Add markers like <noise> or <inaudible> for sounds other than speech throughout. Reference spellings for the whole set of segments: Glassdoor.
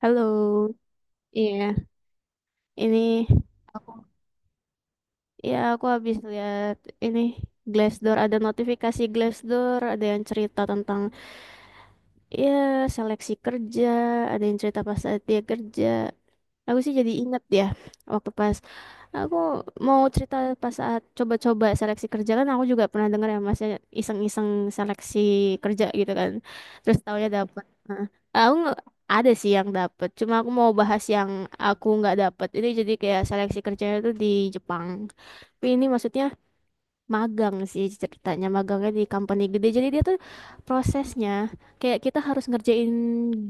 Halo, iya, ini aku, ya aku habis lihat ini Glassdoor, ada notifikasi Glassdoor, ada yang cerita tentang, ya, seleksi kerja, ada yang cerita pas saat dia kerja. Aku sih jadi inget ya waktu pas aku mau cerita pas saat coba-coba seleksi kerja kan, aku juga pernah dengar ya masnya iseng-iseng seleksi kerja gitu kan. Terus taunya dapat. Nah, aku nggak- ada sih yang dapat. Cuma aku mau bahas yang aku nggak dapat. Ini jadi kayak seleksi kerjanya tuh di Jepang. Tapi ini maksudnya magang sih ceritanya. Magangnya di company gede. Jadi dia tuh prosesnya kayak kita harus ngerjain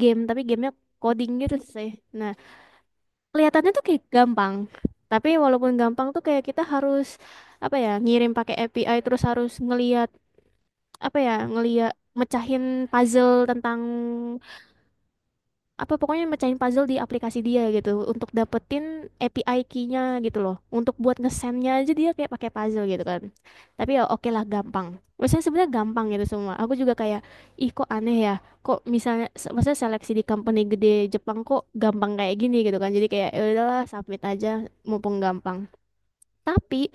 game, tapi gamenya coding gitu sih. Nah, kelihatannya tuh kayak gampang. Tapi walaupun gampang, tuh kayak kita harus apa ya, ngirim pakai API terus harus ngeliat, apa ya, ngeliat mecahin puzzle tentang apa, pokoknya mecahin puzzle di aplikasi dia gitu, untuk dapetin API key-nya gitu loh. Untuk buat ngesendnya aja dia kayak pakai puzzle gitu kan. Tapi ya oke lah, gampang. Maksudnya sebenarnya gampang gitu semua. Aku juga kayak, ih kok aneh ya, kok misalnya, maksudnya seleksi di company gede Jepang kok gampang kayak gini gitu kan. Jadi kayak ya udahlah submit aja mumpung gampang. Tapi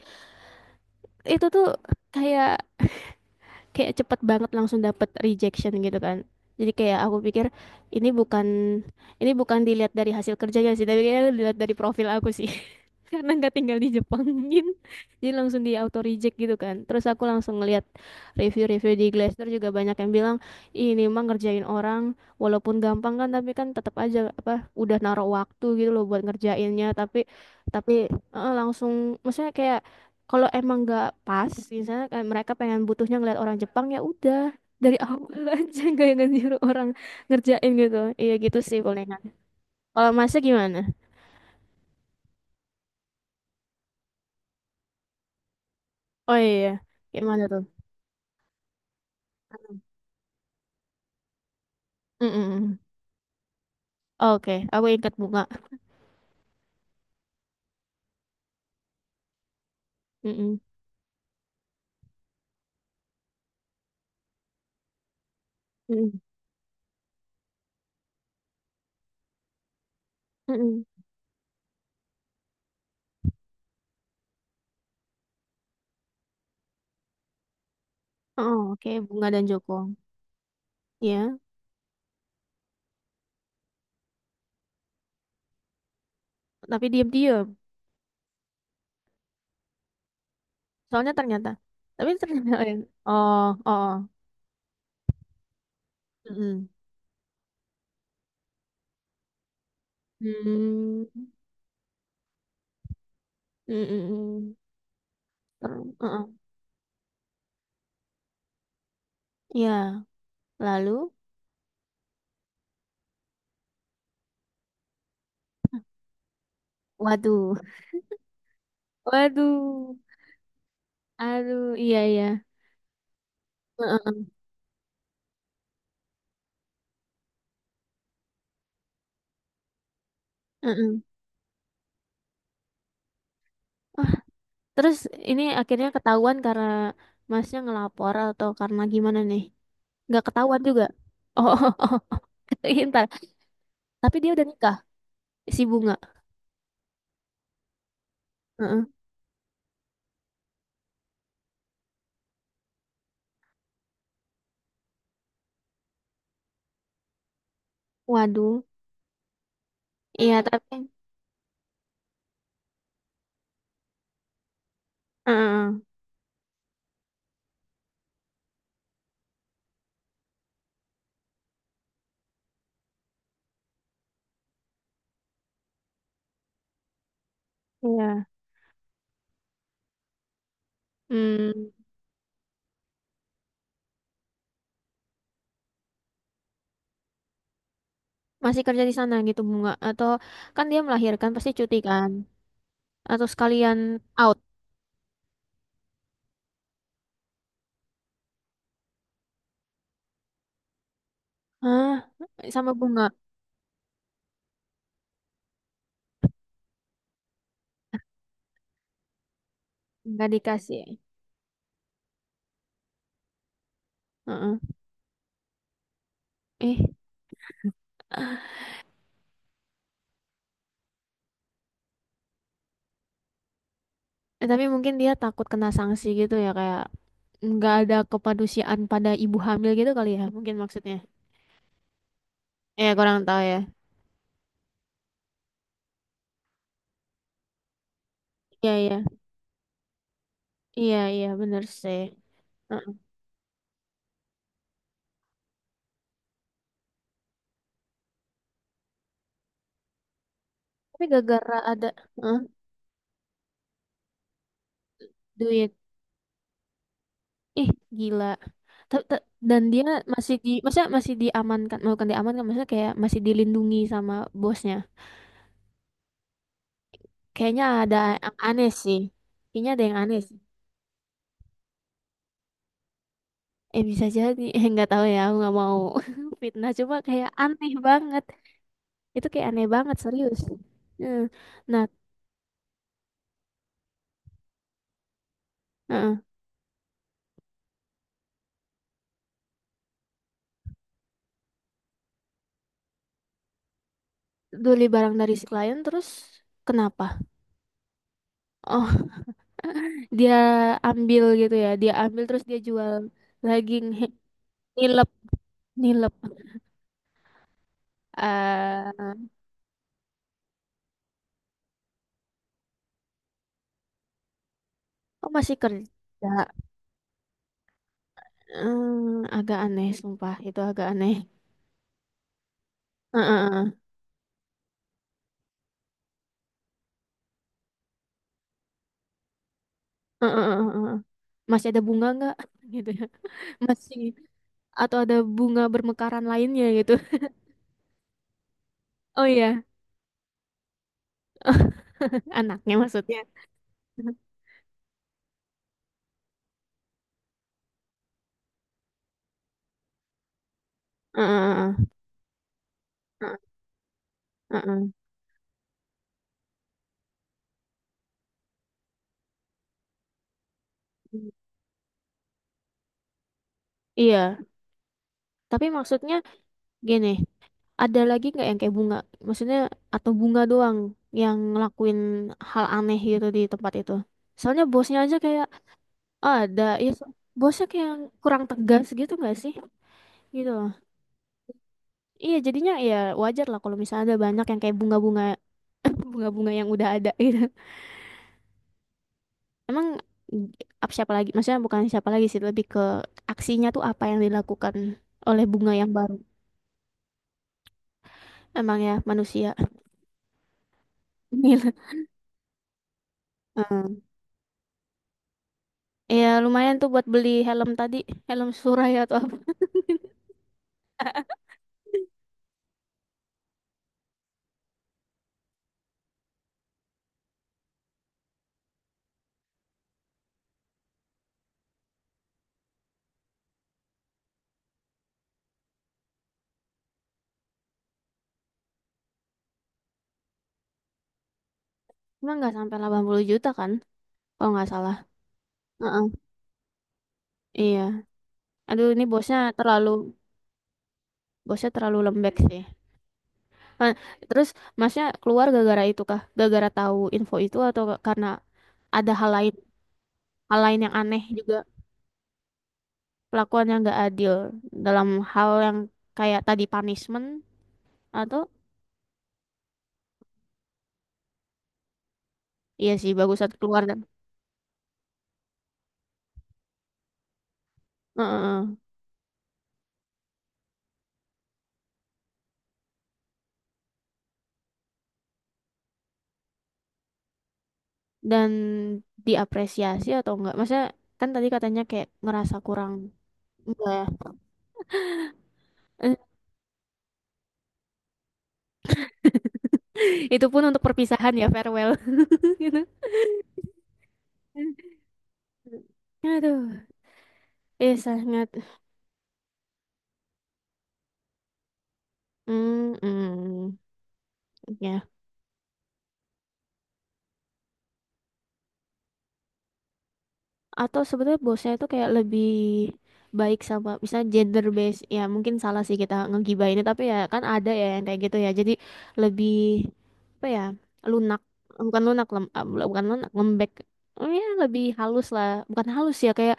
itu tuh kayak kayak cepet banget langsung dapet rejection gitu kan. Jadi kayak aku pikir ini bukan ini bukan dilihat dari hasil kerjanya sih, tapi kayaknya dilihat dari profil aku sih. <laughs> Karena nggak tinggal di Jepang <laughs> jadi langsung di auto reject gitu kan. Terus aku langsung ngeliat review-review di Glassdoor juga banyak yang bilang, "Ih, ini mah ngerjain orang, walaupun gampang kan tapi kan tetap aja apa udah naruh waktu gitu loh buat ngerjainnya, tapi tapi langsung maksudnya kayak, kalau emang nggak pas, misalnya kayak mereka pengen butuhnya ngeliat orang Jepang, ya udah dari awal <laughs> aja, nggak yang nyuruh orang ngerjain gitu." Iya gitu sih palingan, kalau masih gimana. Oh iya, gimana tuh? Mm-mm. Oke, aku ingat Bunga. Mm-mm. Mm-mm. Mm-mm. Oh, oke, Bunga dan Joko. Ya, tapi diam-diam? Soalnya ternyata, tapi ternyata. <laughs> Oh oh oh. Mm-mm. Hmm. Mm-mm. Uh-uh. Ya, lalu. Waduh. Waduh, aduh, iya iya. Heeh, heeh. Oh, terus ini akhirnya ketahuan karena masnya ngelapor atau karena gimana nih? Nggak ketahuan juga. Oh, <laughs> oh, oh, oh. <laughs> Ntar. Tapi dia udah nikah, si Bunga. Heeh. Waduh, iya tapi, heeh, iya. Hmm, masih kerja di sana gitu Bunga? Atau kan dia melahirkan pasti cuti kan? Atau sekalian out? Hah? Sama Bunga? Nggak dikasih. Heeh. Eh, tapi mungkin dia takut kena sanksi gitu ya, kayak nggak ada kepedulian pada ibu hamil gitu kali ya, mungkin maksudnya. Ya kurang tahu ya. Iya iya, iya iya, bener sih. Heeh. Tapi gara-gara ada, heeh, duit, ih gila. Ta- ta- Dan dia masih di, masa masih diamankan, bukan diamankan, maksudnya kayak masih dilindungi sama bosnya. Kayaknya ada yang aneh sih. Kayaknya ada yang aneh sih. Eh bisa jadi, <laughs> eh nggak tahu ya, aku nggak mau <laughs> fitnah. Cuma kayak aneh banget. Itu kayak aneh banget, serius. Heeh. Nah, heeh. Beli barang dari si klien terus kenapa? Oh, <laughs> dia ambil gitu ya. Dia ambil terus dia jual lagi nih. Nilep, nilep. Eh. Oh masih kerja. Hmm, agak aneh, sumpah. Itu agak aneh. Heeh, heeh, heeh, heeh, heeh. Masih ada bunga nggak? <laughs> Gitu ya. Masih, atau ada bunga bermekaran lainnya gitu. Oh iya, <laughs> anaknya maksudnya. Heeh, heeh, heeh, heeh. Iya, tapi maksudnya gini, ada lagi nggak yang kayak Bunga? Maksudnya atau Bunga doang yang ngelakuin hal aneh gitu di tempat itu? Soalnya bosnya aja kayak, "Ah, ada, ya bosnya kayak kurang tegas gitu nggak sih?" Gitu loh. Iya, jadinya ya wajar lah kalau misalnya ada banyak yang kayak bunga-bunga, <laughs> bunga-bunga yang udah ada gitu. Emang, mm, apa siapa lagi? Maksudnya bukan siapa lagi sih, lebih ke aksinya tuh apa yang dilakukan oleh bunga yang baru. Emang ya manusia. <laughs> Gila. Iya, lumayan tuh buat beli helm tadi, helm Suraya atau apa. Emang nggak sampai 80 juta kan, kalau nggak salah. Heeh. Iya. Aduh, ini bosnya terlalu lembek sih. Nah, terus masnya keluar gara-gara itu kah? Gara-gara tahu info itu atau karena ada hal lain yang aneh juga, pelakuan yang nggak adil dalam hal yang kayak tadi punishment atau. Iya sih bagusan keluar. Dan heeh, dan diapresiasi atau enggak? Maksudnya kan tadi katanya kayak ngerasa kurang. Iya. <laughs> Itu pun untuk perpisahan ya, farewell. <laughs> Gitu. Aduh, eh sangat. Hmm mm, ya. Atau sebetulnya bosnya itu kayak lebih baik sama misalnya gender based, ya mungkin salah sih kita ngegibahinnya tapi ya kan ada ya yang kayak gitu ya, jadi lebih apa ya, lunak, bukan lunak bukan lunak lembek. Oh ya lebih halus lah, bukan halus ya, kayak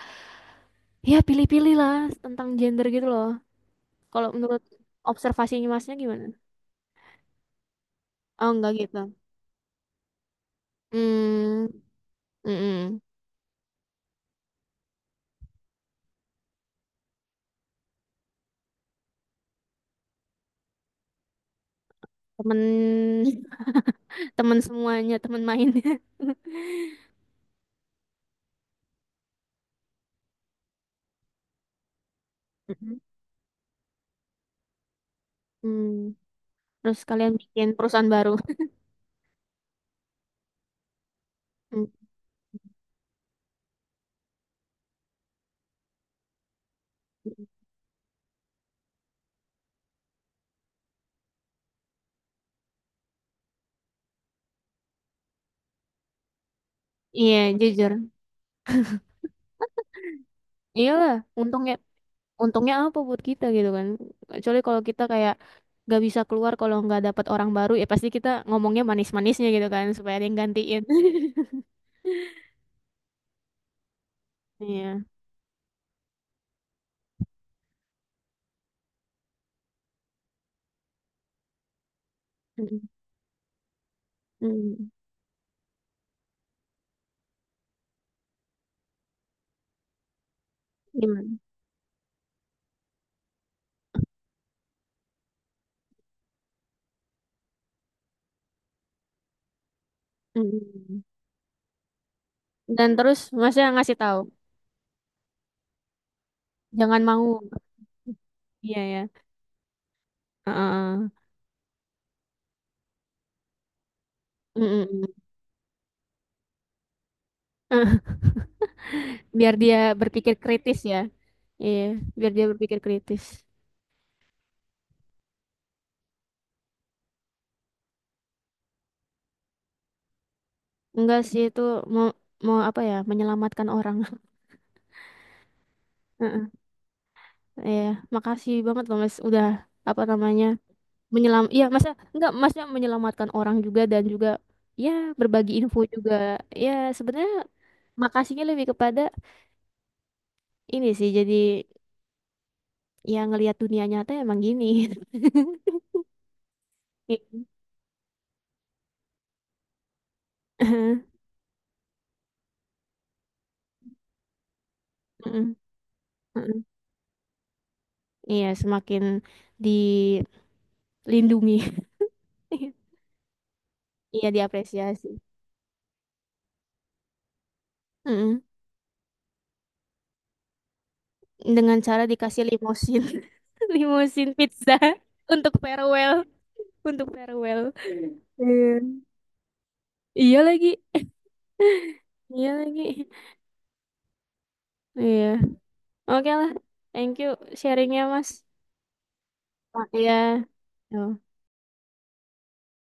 ya pilih-pilih lah tentang gender gitu loh. Kalau menurut observasinya masnya gimana? Oh, enggak gitu. Hmm, mm-mm. Temen, <laughs> temen semuanya, temen mainnya. <laughs> Mm-mm. Hmm, terus kalian bikin perusahaan baru. <laughs> Hmm, iya, jujur. Iyalah, untungnya, untungnya apa buat kita gitu kan? Kecuali kalau kita kayak gak bisa keluar kalau nggak dapat orang baru, ya pasti kita ngomongnya manis-manisnya gitu kan, supaya ada yang gantiin. <laughs> Iya. Mm-mm. Mm. Gimana? Mm-mm. Dan terus masnya ngasih tahu, jangan mau. Iya ya. Heeh. Mm-mm. Eh, <laughs> biar dia berpikir kritis ya. Iya, biar dia berpikir kritis. Enggak sih itu, mau mau apa ya, menyelamatkan orang. <laughs> Heeh. Iya, makasih banget loh Mas udah, apa namanya? Menyelam iya, Masnya enggak, Masnya menyelamatkan orang juga dan juga ya berbagi info juga. Ya, sebenarnya makasihnya lebih kepada ini sih, jadi ya ngelihat dunia nyata emang gini. <laughs> Iya. <laughs> Mm-mm, mm-mm. Iya, semakin dilindungi. <laughs> Iya, diapresiasi. Mm-mm. Dengan cara dikasih limosin. <laughs> Limosin pizza untuk farewell, untuk farewell. Iya. Iya lagi, iya lagi. Iya. Oke lah. Thank you sharingnya, Mas. Oh, iya. Yo.